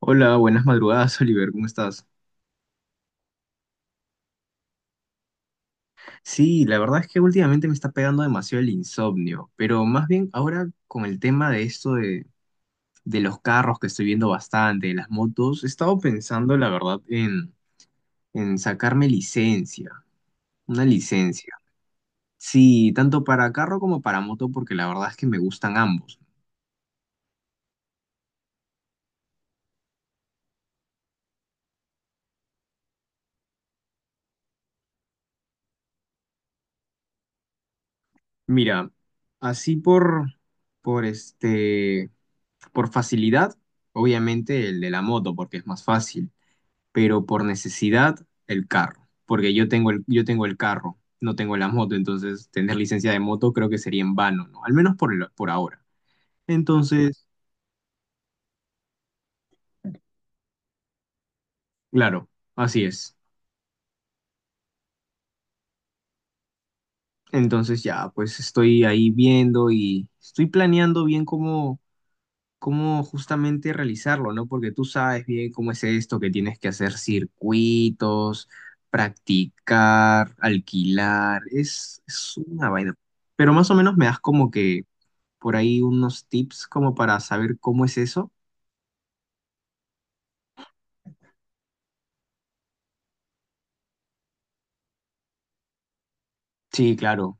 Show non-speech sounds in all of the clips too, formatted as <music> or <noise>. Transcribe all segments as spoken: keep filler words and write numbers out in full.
Hola, buenas madrugadas, <laughs> Oliver, ¿cómo estás? Sí, la verdad es que últimamente me está pegando demasiado el insomnio, pero más bien ahora con el tema de esto de, de los carros que estoy viendo bastante, de las motos, he estado pensando, la verdad, en, en sacarme licencia, una licencia. Sí, tanto para carro como para moto, porque la verdad es que me gustan ambos. Mira, así por, por este, por facilidad, obviamente el de la moto, porque es más fácil. Pero por necesidad el carro, porque yo tengo el, yo tengo el carro, no tengo la moto, entonces tener licencia de moto creo que sería en vano, ¿no? Al menos por, el- por ahora. Entonces, claro, así es. Entonces ya, pues estoy ahí viendo y estoy planeando bien cómo, cómo justamente realizarlo, ¿no? Porque tú sabes bien cómo es esto, que tienes que hacer circuitos, practicar, alquilar, es, es una vaina. Pero más o menos me das como que por ahí unos tips como para saber cómo es eso. Sí, claro.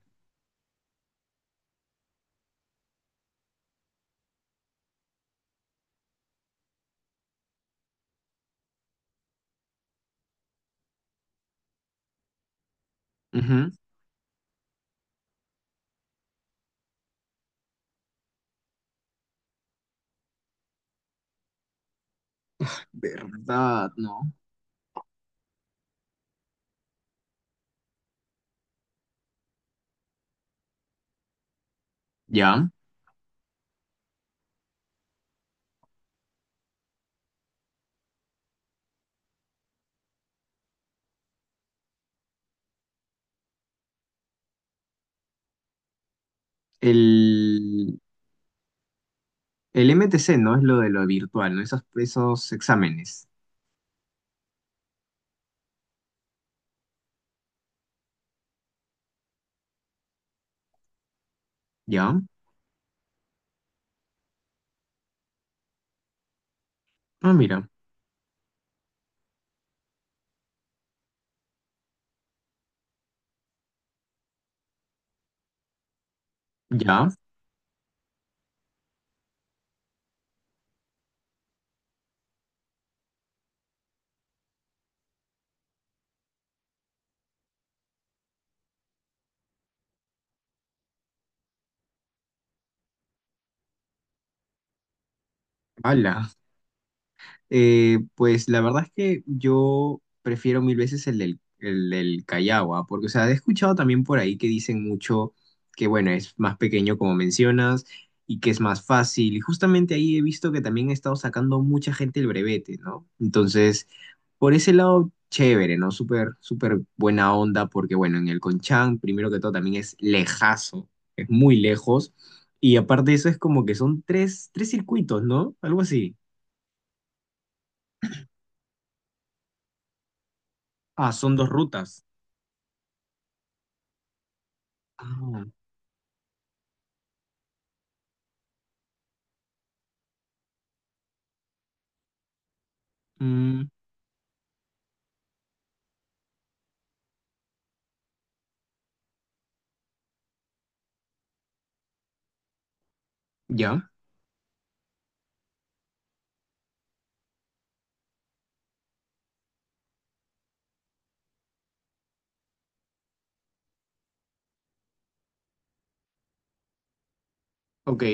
Ujú. ¿Verdad? No. Ya. El, el M T C, ¿no? Es lo de lo virtual, ¿no? Esos, esos exámenes. Ya. Ah, mira. Ya. Hala. Eh, pues la verdad es que yo prefiero mil veces el del, el del Callao, ¿ah? Porque, o sea, he escuchado también por ahí que dicen mucho que, bueno, es más pequeño como mencionas y que es más fácil. Y justamente ahí he visto que también ha estado sacando mucha gente el brevete, ¿no? Entonces, por ese lado, chévere, ¿no? Súper, súper buena onda, porque, bueno, en el Conchán, primero que todo, también es lejazo, es muy lejos. Y aparte de eso, es como que son tres, tres circuitos, ¿no? Algo así. Ah, son dos rutas. Ah, mm, ya, ok.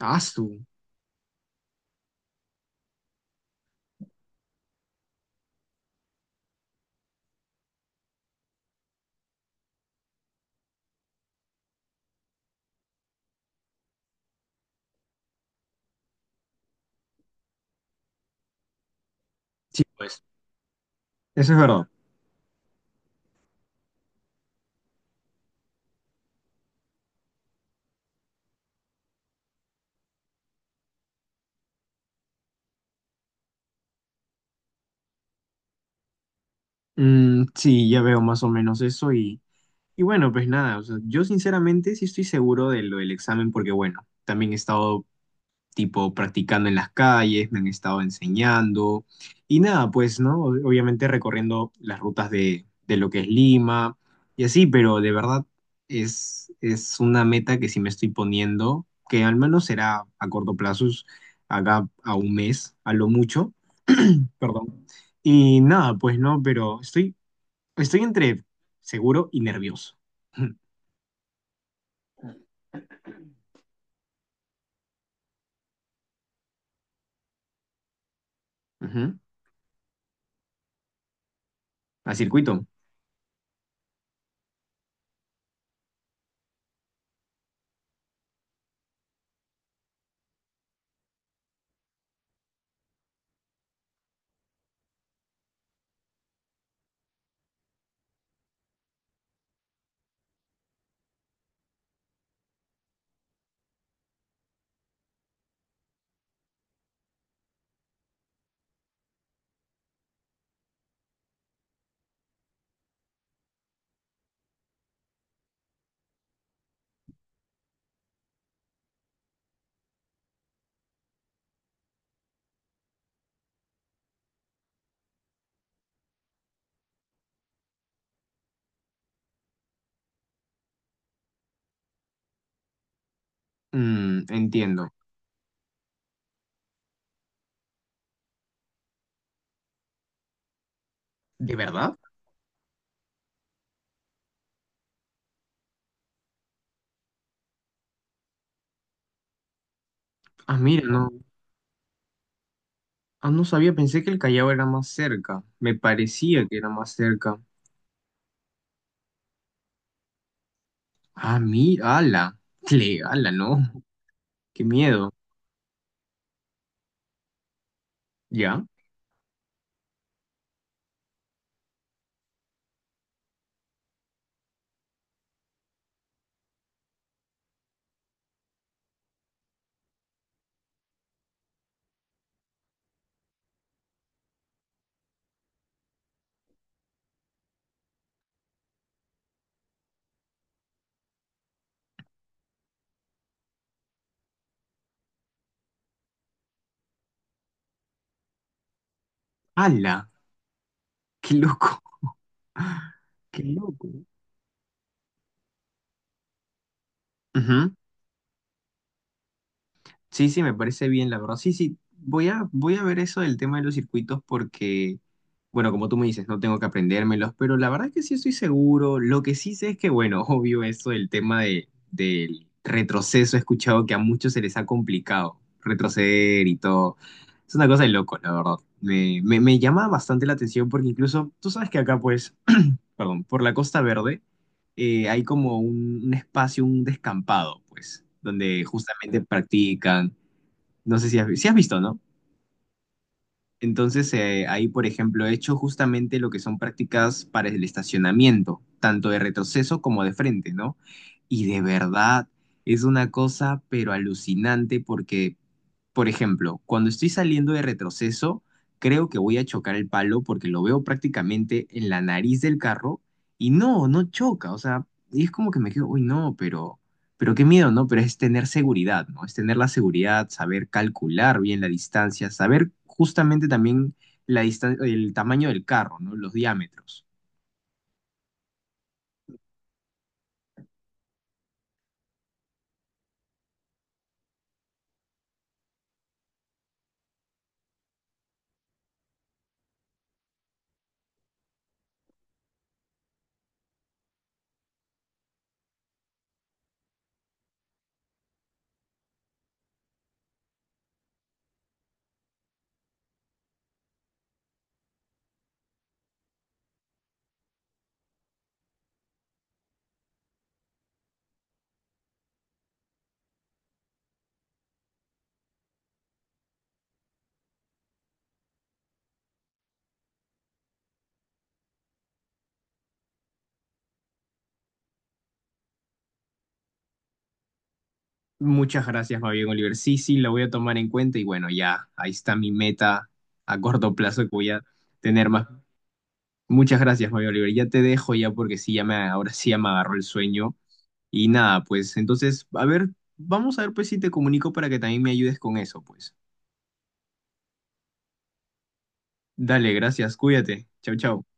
Ah, su. Sí, pues. Eso es verdad. Mm, sí, ya veo más o menos eso y, y bueno, pues nada, o sea, yo sinceramente sí estoy seguro de lo del examen porque bueno, también he estado tipo practicando en las calles, me han estado enseñando y nada, pues, ¿no? Ob- Obviamente recorriendo las rutas de, de lo que es Lima y así, pero de verdad es, es una meta que sí me estoy poniendo, que al menos será a corto plazo, es acá a un mes, a lo mucho, perdón. Y nada, pues no, pero estoy, estoy entre seguro y nervioso. <laughs> Ujú. A circuito. Mm, entiendo. ¿De verdad? Ah, mira, no. Ah, no sabía, pensé que el Callao era más cerca. Me parecía que era más cerca. Ah, mira, ala. <laughs> Tle, ala, no. Qué miedo. ¿Ya? Ala. Qué loco. <laughs> Qué loco. Ujú. Sí, sí, me parece bien, la verdad. Sí, sí, voy a, voy a ver eso del tema de los circuitos porque, bueno, como tú me dices, no tengo que aprendérmelos, pero la verdad es que sí estoy seguro. Lo que sí sé es que, bueno, <laughs> obvio eso del tema de, del retroceso, he escuchado que a muchos se les ha complicado retroceder y todo. Es una cosa de loco, la verdad. Me, me, me llama bastante la atención porque incluso, tú sabes que acá, pues, <clears throat> perdón, por la Costa Verde. Eh, hay como un, un espacio, un descampado, pues, donde justamente practican. No sé si has, vi- sí has visto, ¿no? Entonces, eh, ahí, por ejemplo, he hecho justamente lo que son prácticas para el estacionamiento, tanto de retroceso como de frente, ¿no? Y de verdad, es una cosa, pero alucinante porque por ejemplo, cuando estoy saliendo de retroceso, creo que voy a chocar el palo porque lo veo prácticamente en la nariz del carro y no, no choca. O sea, y es como que me quedo, uy, no, pero, pero qué miedo, ¿no? Pero es tener seguridad, ¿no? Es tener la seguridad, saber calcular bien la distancia, saber justamente también la distan- el tamaño del carro, ¿no? Los diámetros. Muchas gracias, Fabián Oliver. Sí, sí, lo voy a tomar en cuenta y bueno, ya, ahí está mi meta a corto plazo que voy a tener más. Muchas gracias, Mario Oliver. Ya te dejo ya porque sí, ya me, ahora sí ya me agarró el sueño. Y nada, pues entonces, a ver, vamos a ver pues si te comunico para que también me ayudes con eso, pues. Dale, gracias, cuídate. Chau, chau.